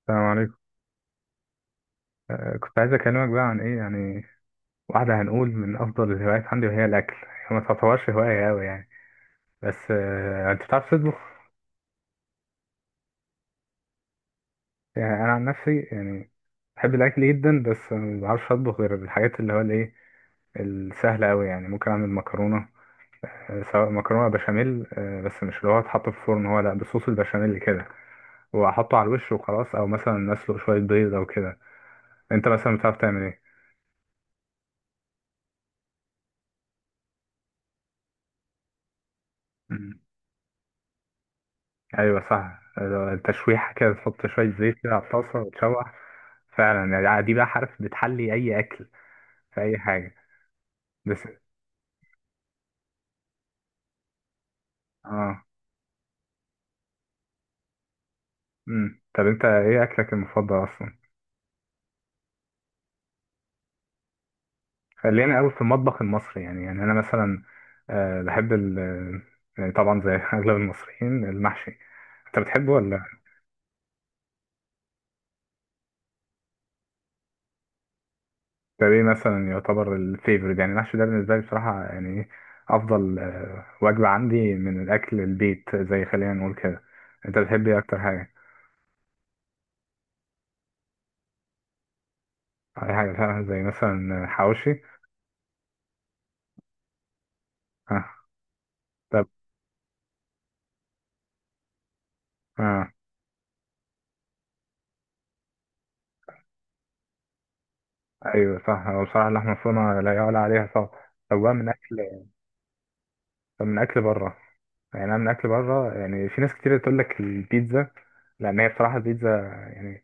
السلام عليكم. كنت عايز أكلمك بقى عن إيه يعني. واحدة هنقول من أفضل الهوايات عندي وهي الأكل. هي ما تعتبرش هواية أوي يعني. بس أنت بتعرف تطبخ؟ يعني أنا عن نفسي يعني بحب الأكل جدا، بس ما بعرفش أطبخ غير الحاجات اللي هو الإيه السهلة أوي يعني. ممكن أعمل مكرونة، سواء مكرونة بشاميل، بس مش اللي هو اتحط في الفرن، هو لأ بصوص البشاميل كده وأحطه على الوش وخلاص، أو مثلا أسلق شوية بيض أو كده. أنت مثلا بتعرف تعمل إيه؟ ايوه صح. التشويحة كده تحط شوية زيت كده على الطاسة وتشوح. فعلا يعني دي بقى حرف بتحلي اي اكل في اي حاجة. بس اه. طب انت ايه اكلك المفضل اصلا؟ خلينا قوي في المطبخ المصري، يعني انا مثلا بحب ال آه، يعني طبعا زي اغلب المصريين المحشي. انت بتحبه ولا؟ ده ايه مثلا يعتبر الفيفوريت، يعني المحشي ده بالنسبة لي بصراحة يعني إيه افضل وجبة عندي من الاكل البيت، زي خلينا نقول كده. انت بتحب ايه اكتر حاجة؟ اي حاجه فعلا زي مثلا حواوشي. ها. طب. ها. ايوه صح، هو بصراحه اللحمه المفرومه لا يعلى عليها صح. طب بقى من اكل. طب من اكل بره، يعني انا من اكل بره يعني في ناس كتير تقول لك البيتزا، لان هي بصراحه البيتزا يعني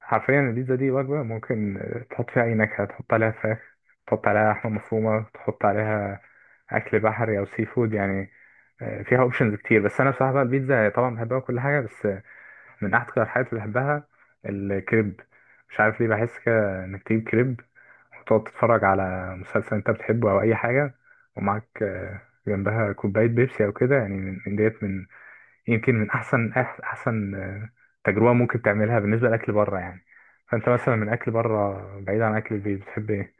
حرفيا البيتزا دي وجبه ممكن تحط فيها اي نكهه، تحط عليها فراخ، تحط عليها لحمه مفرومه، تحط عليها اكل بحري او سي فود يعني. فيها اوبشنز كتير، بس انا بصراحه بقى البيتزا طبعا بحبها وكل حاجه. بس من اكتر الحاجات اللي بحبها الكريب. مش عارف ليه بحس كده انك تجيب كريب وتقعد تتفرج على مسلسل انت بتحبه او اي حاجه، ومعاك جنبها كوبايه بيبسي او كده، يعني من ديت من يمكن من احسن احسن تجربه ممكن تعملها بالنسبه لاكل بره يعني. فانت مثلا من اكل بره بعيد عن اكل البيت بتحب ايه؟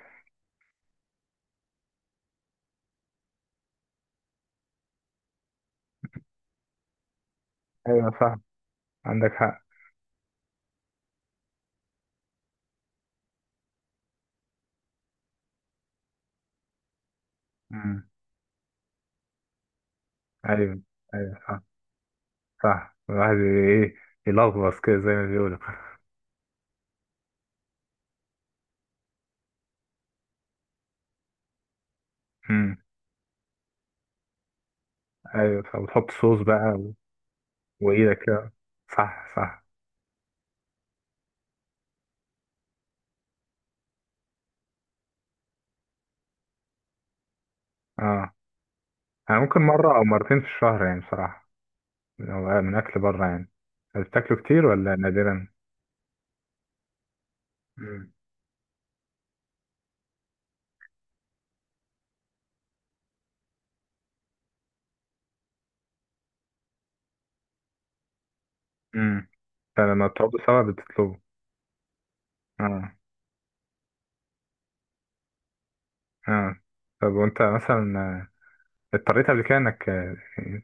ايوه صح، عندك حق. امم. ايوه ايوه، صح صح. الواحد ايه يلغوص كده زي ما بيقولوا. امم، ايوه صح، وتحط صوص بقى وايدك كده. صح صح. اه انا ممكن مرة او مرتين في الشهر يعني بصراحة، لو من اكل بره يعني. أنت بتاكله كتير ولا نادرا؟ امم، امم. فلما بتقعدوا سوا بتطلبوا؟ اه، اه. طب وانت مثلا اضطريت قبل كده انك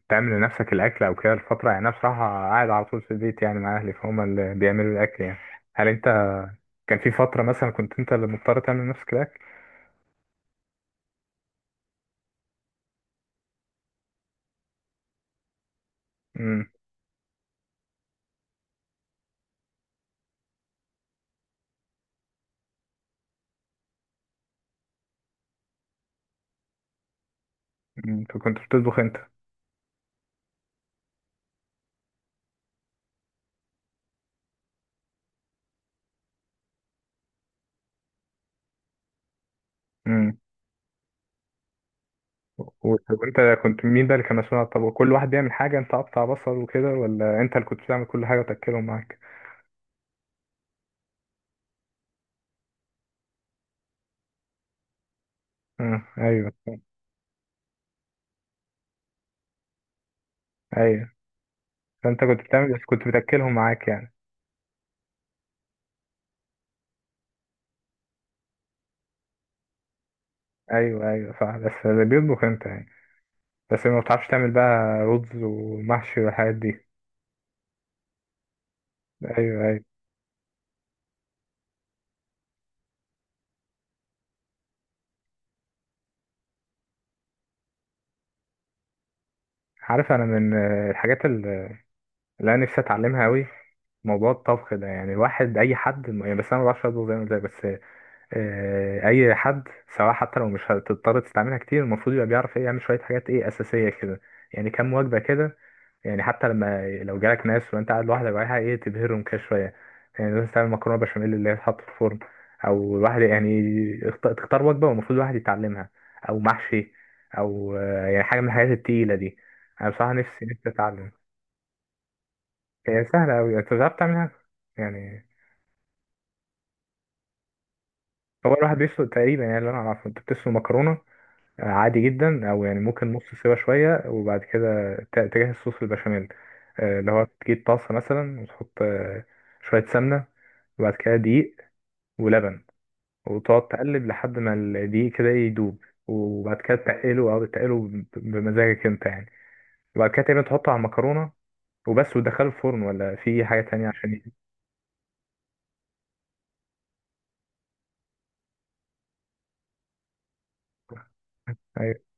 تعمل لنفسك الاكل او كده الفترة، يعني انا بصراحة قاعد على طول في البيت يعني مع اهلي فهم اللي بيعملوا الاكل يعني. هل انت كان في فترة مثلا كنت انت اللي مضطر تعمل لنفسك الاكل؟ امم. فكنت بتطبخ. انت طب انت كنت مين بقى اللي كان مسؤول عن الطبق؟ كل واحد بيعمل حاجه انت قطع بصل وكده، ولا انت اللي كنت بتعمل كل حاجه وتاكلهم معاك؟ اه ايوه ايوه. فانت كنت بتعمل بس كنت بتاكلهم معاك يعني. ايوه ايوه صح، بس اللي بيطبخ انت يعني. بس ما بتعرفش تعمل بقى رز ومحشي والحاجات دي؟ ايوه ايوه. عارف انا من الحاجات اللي انا نفسي اتعلمها قوي. موضوع الطبخ ده يعني الواحد اي حد يعني، بس انا ما بعرفش اطبخ زي ما قلت لك. بس اي حد سواء حتى لو مش هتضطر تستعملها كتير، المفروض يبقى بيعرف ايه يعمل شويه حاجات ايه اساسيه كده. يعني كام وجبه كده، يعني حتى لما لو جالك ناس وانت قاعد لوحدك وعايز ايه تبهرهم كده شويه. يعني لازم تعمل مكرونه بشاميل اللي هي تتحط في الفرن، او الواحد يعني تختار وجبه والمفروض الواحد يتعلمها، او محشي، او يعني حاجه من الحاجات التقيله دي. انا بصراحه نفسي نفسي اتعلم. هي سهله قوي انت بتعرف تعملها يعني. هو الواحد بيسلق تقريبا يعني، اللي انا اعرفه انت بتسلق مكرونه عادي جدا، او يعني ممكن نص سوا شويه وبعد كده تجهز صوص البشاميل. اللي هو تجيب طاسه مثلا وتحط شويه سمنه، وبعد كده دقيق ولبن، وتقعد تقلب لحد ما الدقيق كده يدوب، وبعد كده تقله او تقله بمزاجك انت يعني. وبعد كده تقريبا تحطه على المكرونه وبس، وتدخله الفرن ولا في حاجه تانية عشان ايوه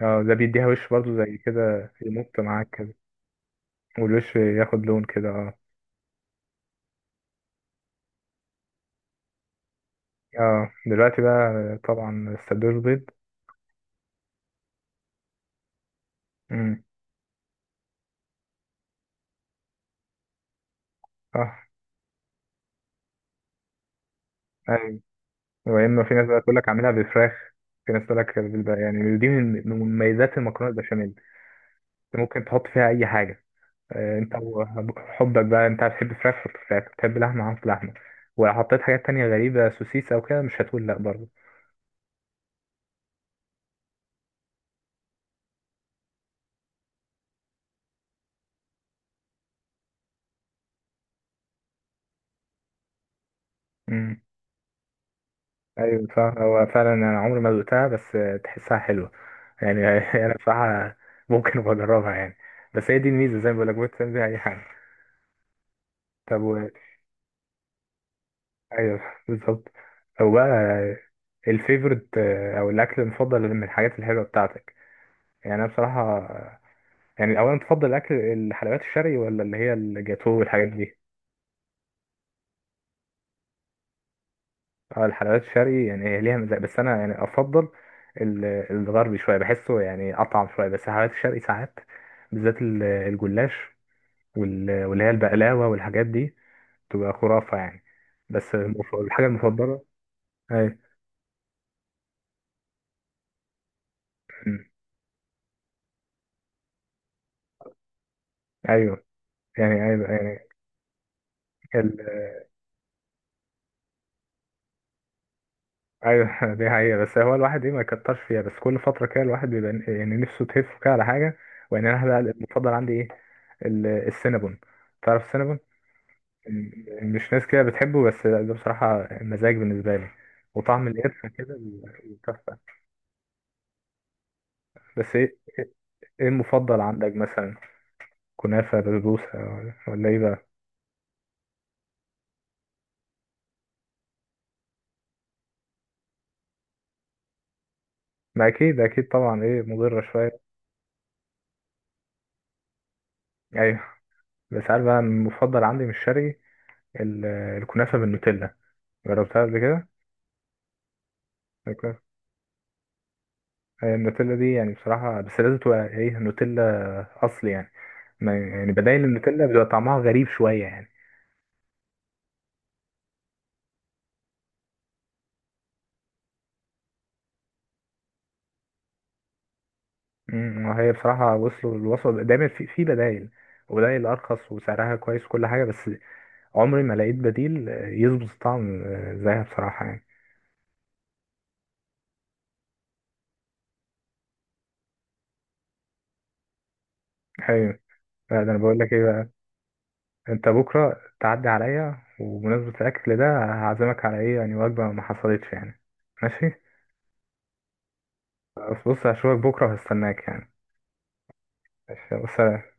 اه. ده بيديها وش برضو زي كده يمط معاك كده. والوش ياخد لون كده اه. اه دلوقتي بقى طبعا السندوتش بيض. امم. اه ايوه. يا اما في ناس بقى تقول لك اعملها بالفراخ، في ناس تقول لك بالبقى، يعني دي من مميزات المكرونه البشاميل. انت ممكن تحط فيها اي حاجه. انت وحبك بقى، انت بتحب فراخ حط فراخ، بتحب لحمه حط لحمه. وحطيت حاجات تانية غريبه سوسيس او كده مش هتقول لا برضه. امم، ايوه صح. هو فعلا انا عمري ما ذقتها، بس تحسها حلوه يعني. انا بصراحه ممكن أبقى اجربها يعني. بس هي دي الميزه زي ما بقول لك ممكن تعمل بيها اي حاجه. طب ايوه بالظبط. او بقى الفيفورت او الاكل المفضل من الحاجات الحلوه بتاعتك. يعني انا بصراحه يعني اولا تفضل الاكل الحلويات الشرقي ولا اللي هي الجاتو والحاجات دي؟ اه الحلويات الشرقي يعني هي ليها مزاج، بس انا يعني افضل الغربي شويه، بحسه يعني اطعم شويه، بس الحلويات الشرقي ساعات بالذات الجلاش واللي هي البقلاوه والحاجات دي تبقى خرافه يعني. بس الحاجه المفضله. ايوه. أمم. ايوه، يعني ايوه، يعني ايوه. دي حقيقة، بس هو الواحد ايه ما يكترش فيها، بس كل فترة كده الواحد بيبقى يعني نفسه تهف كده على حاجة. وان انا بقى المفضل عندي ايه السينابون. تعرف السينابون؟ مش ناس كده بتحبه، بس ده بصراحة مزاج بالنسبة لي، وطعم القرفة كده تحفة. بس ايه إيه المفضل عندك مثلا؟ كنافة، بسبوسة، ولا ايه بقى؟ ما اكيد اكيد طبعا ايه مضرة شوية. ايوه. بس عارف بقى المفضل عندي مش شرقي، ال- الكنافة بالنوتيلا. جربتها قبل كده؟ هي النوتيلا دي يعني بصراحة بس لازم تبقى ايه نوتيلا أصل يعني، ما يعني بدايل النوتيلا بيبقى طعمها غريب شوية يعني. وهي بصراحة وصلوا الوصفة دايما في بدايل، وبدايل أرخص وسعرها كويس وكل حاجة. بس عمري ما لقيت بديل يظبط الطعم زيها بصراحة يعني. أيوة. لا ده أنا بقول لك ايه بقى. أنت بكرة تعدي عليا وبمناسبة الأكل ده هعزمك على ايه يعني وجبة ما حصلتش يعني. ماشي، بس بص هشوفك بكرة وهستناك يعني. ماشي بس.